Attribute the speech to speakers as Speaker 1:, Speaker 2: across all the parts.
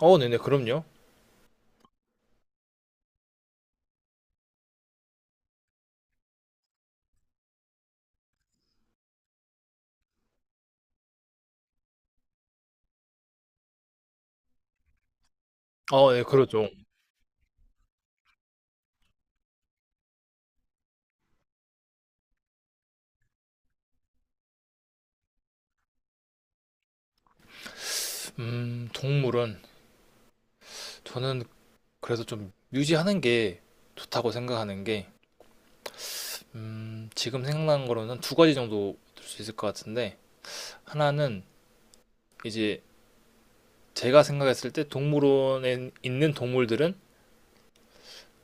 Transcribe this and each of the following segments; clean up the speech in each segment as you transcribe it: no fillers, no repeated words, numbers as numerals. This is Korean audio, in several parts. Speaker 1: 어, 네네, 그럼요. 어, 네, 그러죠. 동물은 저는 그래서 좀 유지하는 게 좋다고 생각하는 게, 지금 생각나는 거로는 두 가지 정도 들 수 있을 것 같은데, 하나는 이제 제가 생각했을 때 동물원에 있는 동물들은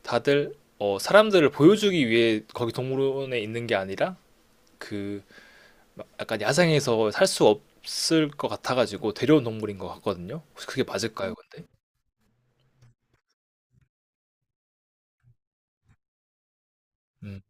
Speaker 1: 다들 사람들을 보여주기 위해 거기 동물원에 있는 게 아니라 그막 약간 야생에서 살 수 없을 것 같아가지고 데려온 동물인 것 같거든요. 혹시 그게 맞을까요, 근데? 음.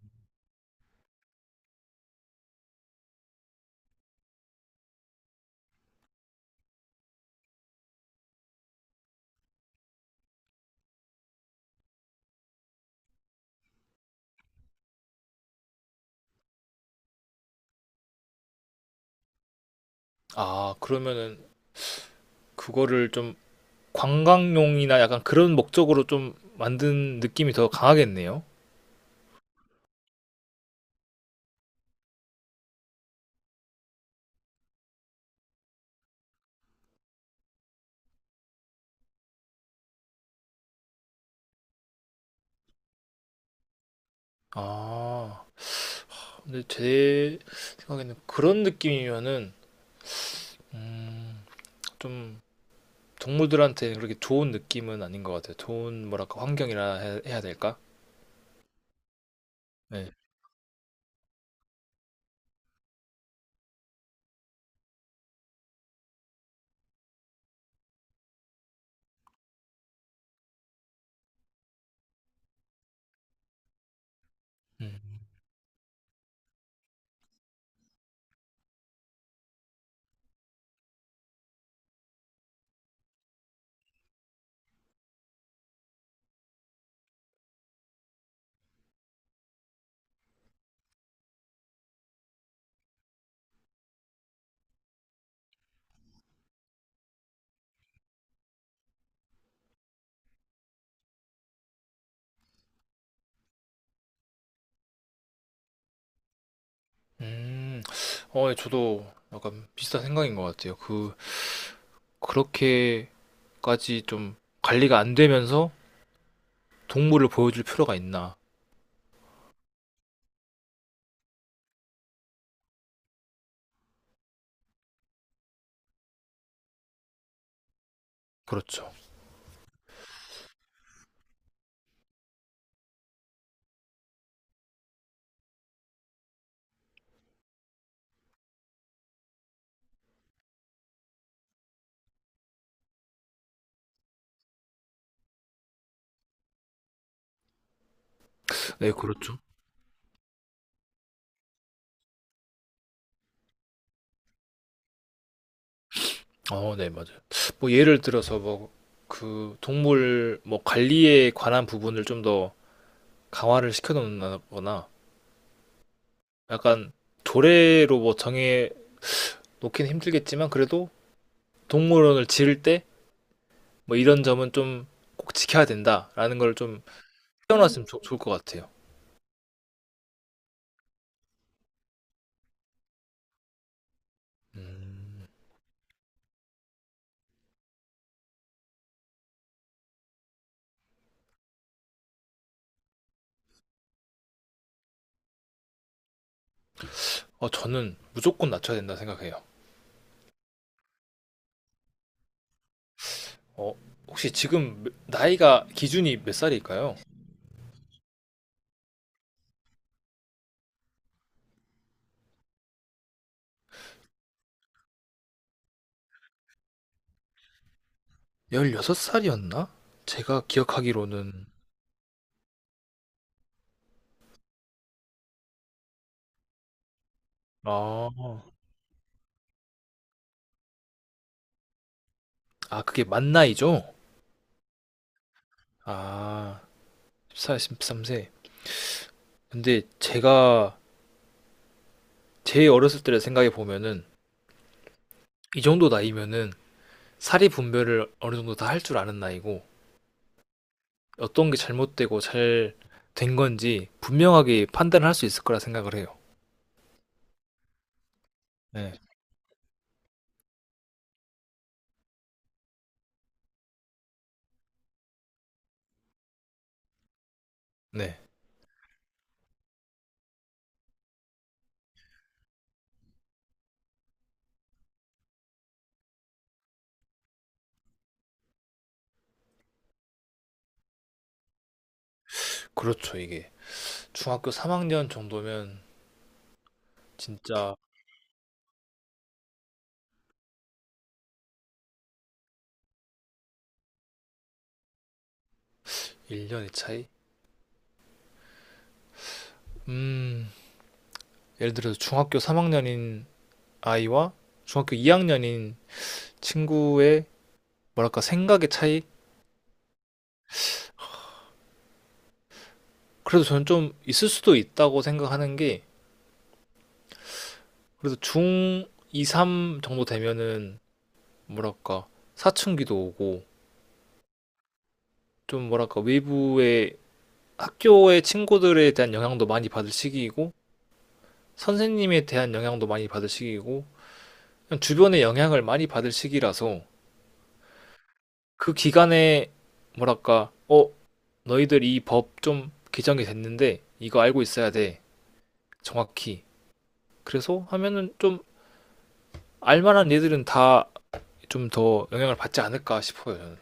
Speaker 1: 아, 그러면은 그거를 좀 관광용이나 약간 그런 목적으로 좀 만든 느낌이 더 강하겠네요. 아, 근데 제 생각에는 그런 느낌이면은 음, 좀 동물들한테 그렇게 좋은 느낌은 아닌 것 같아요. 좋은 뭐랄까 환경이라 해야 될까? 네. 음, 음, 예, 저도 약간 비슷한 생각인 것 같아요. 그 그렇게까지 좀 관리가 안 되면서 동물을 보여줄 필요가 있나? 그렇죠. 네, 그렇죠. 어, 네, 맞아요. 뭐 예를 들어서 뭐 그 동물 뭐 관리에 관한 부분을 좀 더 강화를 시켜 놓는다거나 약간 조례로 뭐 정해 놓기는 힘들겠지만 그래도 동물원을 지을 때 뭐 이런 점은 좀 꼭 지켜야 된다라는 걸 좀 떼어놨으면 좋을 것 같아요. 음. 저는 무조건 낮춰야 된다 생각해요. 어, 혹시 지금 나이가 기준이 몇 살일까요? 열여섯 살이었나 제가 기억하기로는 아. 아, 그게 만 나이죠? 아, 14, 13세. 근데 제가 제 어렸을 때를 생각해 보면은 이 정도 나이면은 사리 분별을 어느 정도 다 할 줄 아는 나이고 어떤 게 잘못되고 잘 된 건지 분명하게 판단을 할 수 있을 거라 생각을 해요. 네. 네. 그렇죠, 이게. 중학교 3학년 정도면 진짜 1년의 차이? 음, 예를 들어서 중학교 3학년인 아이와 중학교 2학년인 친구의 뭐랄까 생각의 차이? 그래도 저는 좀 있을 수도 있다고 생각하는 게 그래도 중 2, 3 정도 되면은 뭐랄까 사춘기도 오고 좀 뭐랄까 외부의 학교의 친구들에 대한 영향도 많이 받을 시기이고 선생님에 대한 영향도 많이 받을 시기이고 그냥 주변의 영향을 많이 받을 시기라서 그 기간에 뭐랄까 너희들 이 법 좀 개정이 됐는데 이거 알고 있어야 돼 정확히 그래서 하면은 좀 알만한 얘들은 다 좀 더 영향을 받지 않을까 싶어요. 저는,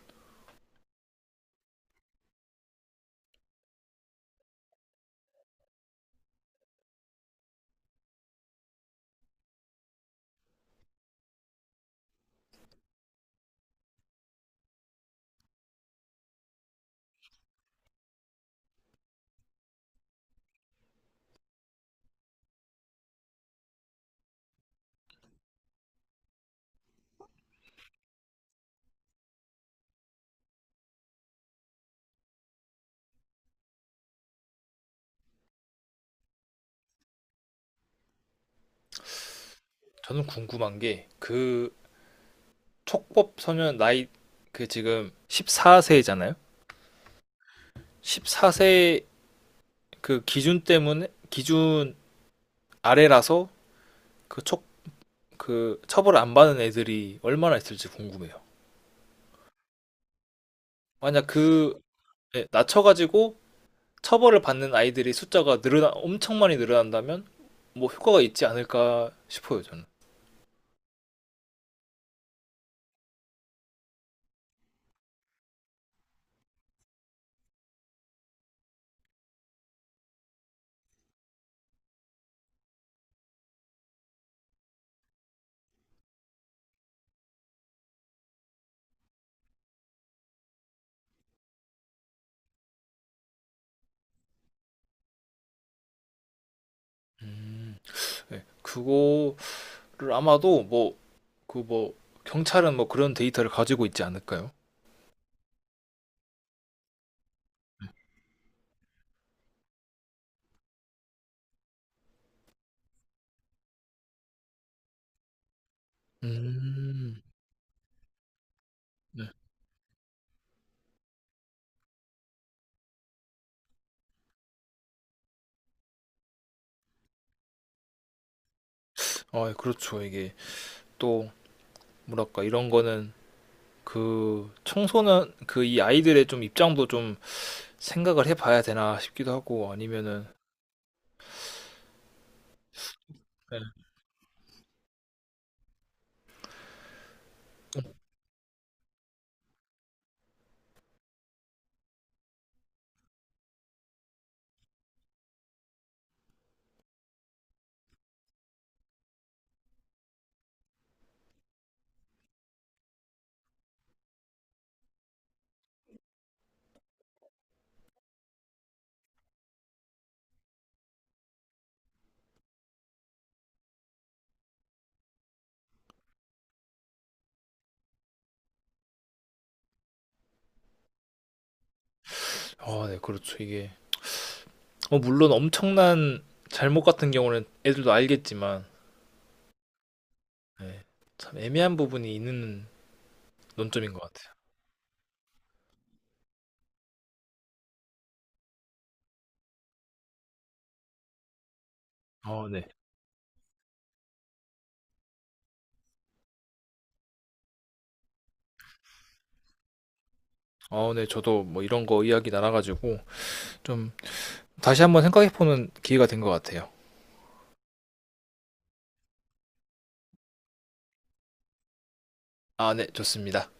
Speaker 1: 저는 궁금한 게 그 촉법 소년 나이 그 지금 14세잖아요. 14세 그 기준 때문에 기준 아래라서 그 촉 그 처벌 안 받는 애들이 얼마나 있을지 궁금해요. 만약 그 예, 낮춰가지고 처벌을 받는 아이들이 숫자가 늘어나 엄청 많이 늘어난다면 뭐 효과가 있지 않을까 싶어요 저는. 음, 네. 그거 를 아마도 뭐 그 뭐 경찰은 뭐 그런 데이터를 가지고 있지 않을까요? 음, 네. 아, 그렇죠. 이게 또 뭐랄까 이런 거는 그 청소년 그 이 아이들의 좀 입장도 좀 생각을 해봐야 되나 싶기도 하고 아니면은 네. 아, 네, 그렇죠. 이게 물론 엄청난 잘못 같은 경우는 애들도 알겠지만 네. 참 애매한 부분이 있는 논점인 것 같아요. 아, 네. 아, 네, 저도 뭐 이런 거 이야기 나눠가지고 좀 다시 한번 생각해보는 기회가 된 것 같아요. 아, 네, 좋습니다.